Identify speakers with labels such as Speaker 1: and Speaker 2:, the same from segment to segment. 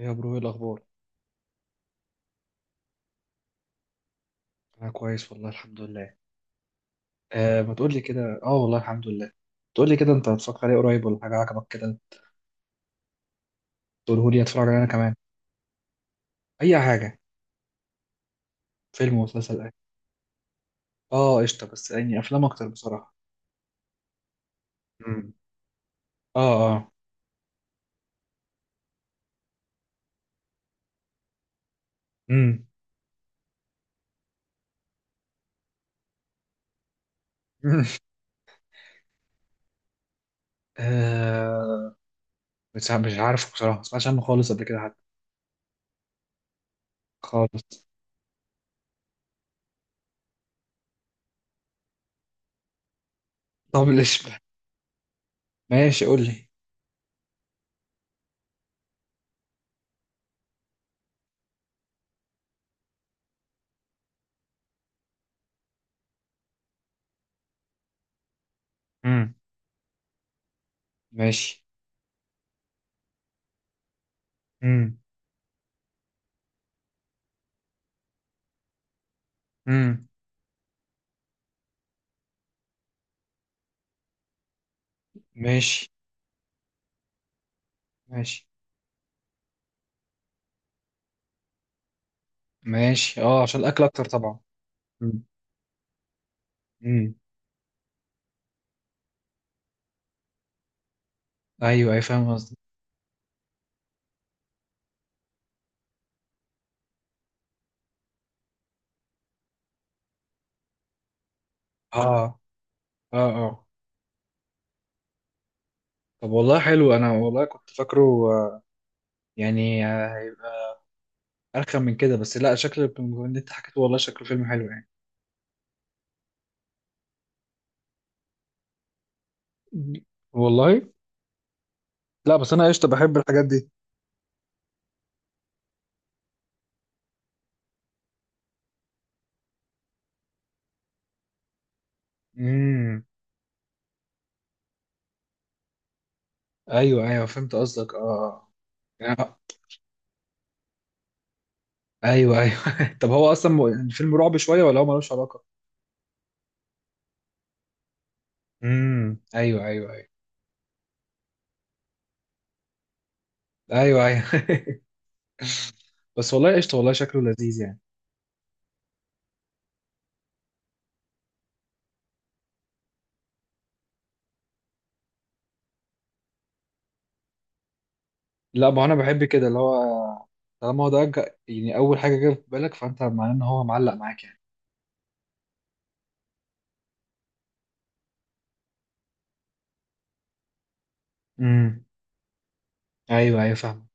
Speaker 1: يا برو، ايه الاخبار؟ انا كويس والله الحمد لله. آه، ما تقول لي كده. اه، والله الحمد لله. تقول لي كده، انت هتفكر عليه قريب ولا حاجه عجبك كده؟ تقوله لي اتفرج عليه انا كمان. اي حاجه. فيلم ومسلسل اي. اه، قشطه، بس يعني افلام اكتر بصراحه. امم. اه. اه. امم. آه، مش عارف مش عارف بصراحه، ما سمعتش عنه خالص قبل كده حتى. خالص. طب ليش؟ ماشي، قول لي. امم. ماشي. امم. امم. ماشي. ماشي. ماشي. اه، عشان الاكل اكتر طبعا. امم. امم. ايوه اي، فاهم قصدك. اه. اه. اه. طب والله حلو، انا والله كنت فاكره آه، يعني هيبقى ارخم من كده. بس لا، شكل اللي انت حكيته والله شكله فيلم حلو يعني. والله لا، بس انا قشطه بحب الحاجات دي. امم. ايوه ايوه، فهمت قصدك. اه. آه. آه. ايوه ايوه. طب هو اصلا الفيلم رعب شويه ولا هو ملوش علاقه؟ امم. ايوه ايوه ايوه. ايوه ايوه. بس والله قشطه، والله شكله لذيذ يعني. لا، ما انا بحب كده اللي هو. طالما هو ده يعني اول حاجه جت في بالك، فانت معناه ان هو معلق معاك يعني. امم. ايوه ايوه فاهم.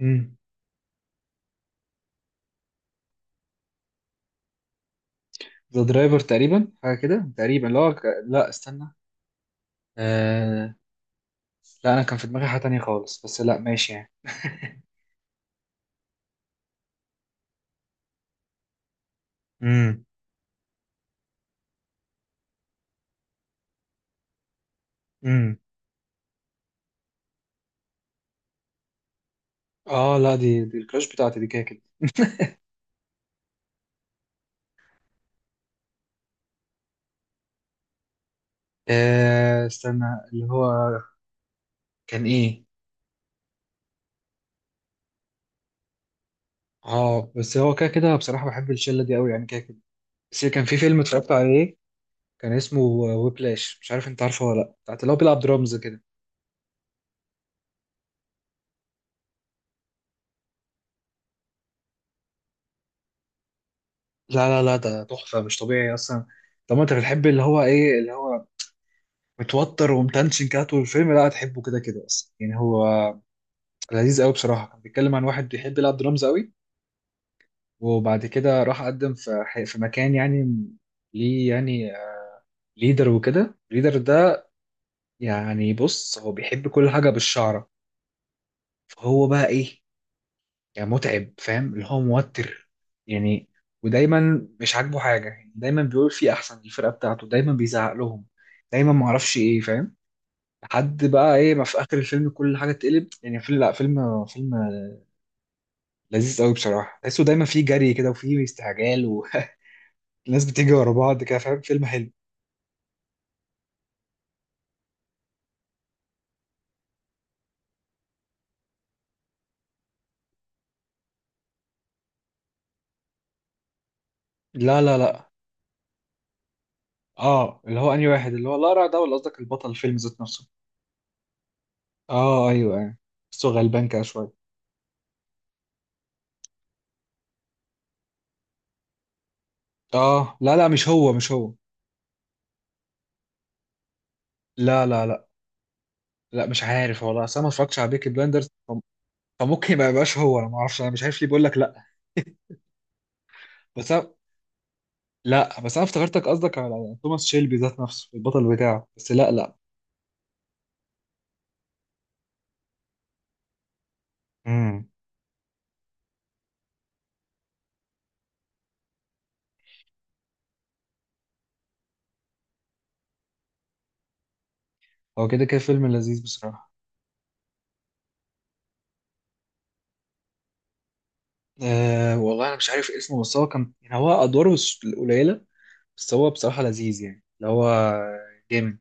Speaker 1: امم. ذا درايفر تقريبا، حاجه كده تقريبا. لا لا استنى. آه... لا، انا كان في دماغي حاجه تانية خالص، بس لا ماشي يعني. امم. امم. اه لا، دي الكراش بتاعتي دي كده كده. استنى، اللي هو، كان ايه؟ اه، بس هو كده كده بصراحه بحب الشله دي قوي يعني كده كده. بس كان في فيلم اتفرجت عليه، كان اسمه ويبلاش، مش عارف انت عارفه ولا لا، بتاعت اللي هو بيلعب درامز كده. لا لا لا، ده تحفه مش طبيعي اصلا. طب ما انت بتحب اللي هو ايه، اللي هو متوتر ومتنشن كده طول الفيلم. لا هتحبه كده كده اصلا يعني. هو لذيذ قوي بصراحه. كان بيتكلم عن واحد بيحب يلعب درامز قوي، وبعد كده راح قدم في في مكان يعني، ليه يعني، ليدر. وكده الليدر ده يعني، بص هو بيحب كل حاجه بالشعره. فهو بقى ايه، يعني متعب، فاهم اللي هو موتر يعني. ودايما مش عاجبه حاجه، يعني دايما بيقول في احسن، الفرقه بتاعته دايما بيزعق لهم، دايما معرفش ايه، فاهم. لحد بقى ايه ما في اخر الفيلم كل حاجه اتقلب. يعني فيلم، لا، فيلم، فيلم لذيذ قوي بصراحه. تحسه دايما فيه جري كده وفيه استعجال والناس بتيجي ورا بعض كده، فاهم. فيلم حلو. لا لا لا. اه، اللي هو انهي واحد، اللي هو لارا ده، ولا قصدك البطل الفيلم ذات نفسه؟ اه، ايوه ايوه. بس هو غلبان كده شويه. اه لا لا، مش هو مش هو. لا لا لا. لا مش عارف والله، اصل انا ما اتفرجتش على بيكي بلاندرز فممكن ما يبقاش هو، انا ما اعرفش، انا مش عارف ليه بقول لك لا. بس أنا- لا بس انا افتكرتك قصدك على توماس شيلبي ذات نفسه، البطل بتاعه، بس لا لا. امم. هو كده كده فيلم لذيذ بصراحة. أه والله أنا مش عارف اسمه، بس هو كان يعني هو أدواره مش قليلة. بس هو بصراحة لذيذ يعني اللي هو جامد.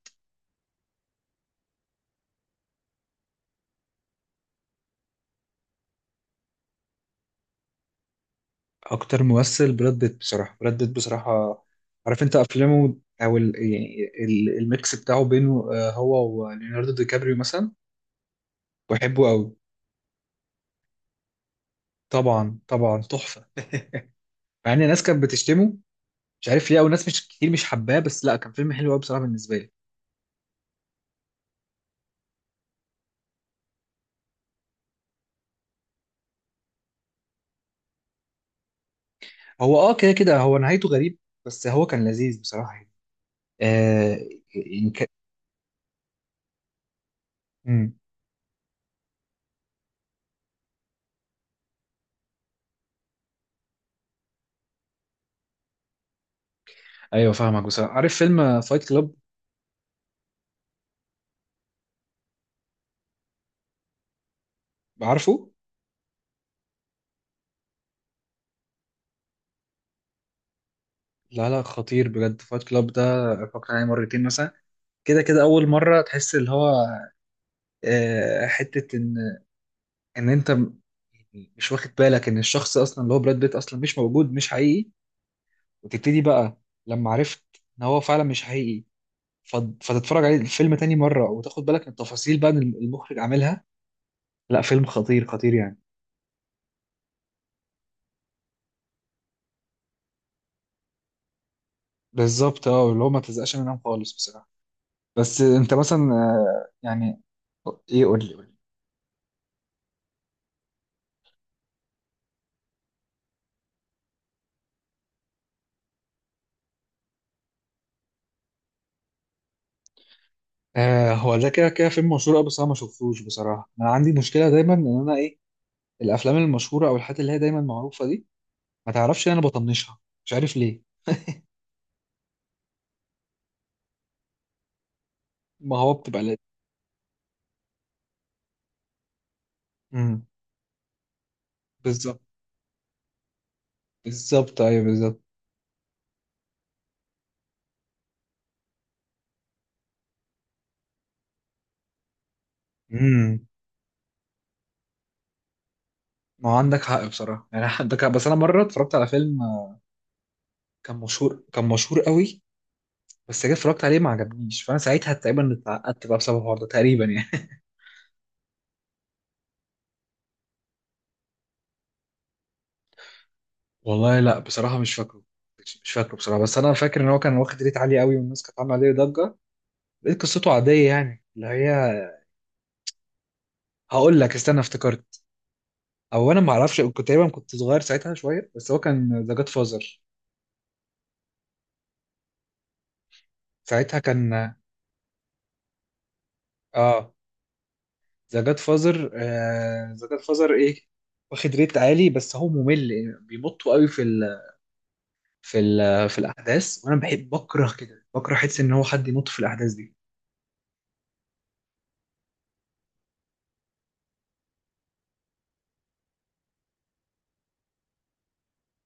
Speaker 1: أكتر ممثل براد بيت بصراحة، براد بيت بصراحة. عارف أنت أفلامه، أو ال... يعني ال- الميكس بتاعه بينه هو وليوناردو دي كابريو مثلا. بحبه أوي. طبعا طبعا تحفة. مع إن الناس كانت بتشتمه، مش عارف ليه، او ناس مش كتير مش حباه، بس لا كان فيلم حلو قوي بصراحه بالنسبه لي. هو اه كده كده هو نهايته غريب، بس هو كان لذيذ بصراحه يعني. آه يعني مم. ايوه فاهمك بصراحه. عارف فيلم فايت كلاب؟ عارفه. لا لا، خطير بجد فايت كلاب ده. اتفرجت عليه مرتين مثلا، كده كده. اول مره تحس اللي هو، آه، حته ان، ان انت م- مش واخد بالك ان الشخص اصلا اللي هو براد بيت اصلا مش موجود، مش حقيقي، وتبتدي بقى لما عرفت ان هو فعلا مش حقيقي، فتتفرج عليه الفيلم تاني مرة وتاخد بالك من التفاصيل بقى اللي المخرج عاملها. لا، فيلم خطير خطير يعني. بالظبط، اه اللي هو ما تزقش منهم خالص بصراحة. بس انت مثلا يعني، ايه، قول لي قول لي. آه، هو ده كده كده فيلم مشهور قوي، بس انا ما شفتوش بصراحة. انا عندي مشكلة دايما ان انا ايه، الافلام المشهورة او الحاجات اللي هي دايما معروفة دي، ما تعرفش إن انا بطنشها. مش عارف ليه. ما هو بتبقى لازم. امم. بالظبط. بالظبط ايوه بالظبط. امم. ما هو عندك حق بصراحة يعني. عندك حق، بس انا مرة اتفرجت على فيلم كان مشهور قوي. بس جيت اتفرجت عليه ما عجبنيش، فانا ساعتها تقريبا اتعقدت بقى بسبب الحوار ده تقريبا يعني. والله لا بصراحه مش فاكره. مش فاكره بصراحه، بس انا فاكر ان هو كان واخد ريت عالي قوي والناس كانت عامله عليه ضجه. لقيت قصته عاديه يعني اللي هي. هقول لك، استنى، افتكرت. او انا ما اعرفش، كنت تقريبا، كنت صغير ساعتها شويه، بس هو كان ذا جاد فازر. ساعتها كان اه ذا جاد فازر. ذا جاد فازر ايه. واخد ريت عالي بس هو ممل يعني، بيمطوا قوي في في الاحداث، وانا بحب بكره كده، بكره حس ان هو حد ينط في الاحداث دي.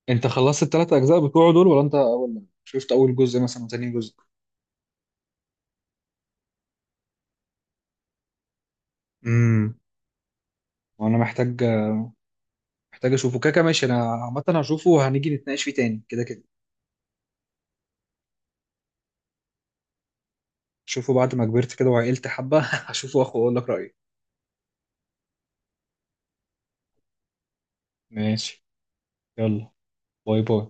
Speaker 1: انت خلصت الثلاث اجزاء بتوعه دول ولا انت اول شفت اول جزء مثلا وتاني جزء؟ امم. وانا محتاج، محتاج اشوفه، كاكا، ماشي. انا عامه هشوفه وهنيجي نتناقش فيه تاني كده كده. شوفه بعد ما كبرت كده وعقلت حبه. هشوفه، واخد اقول لك رايي. ماشي. يلا. باي باي.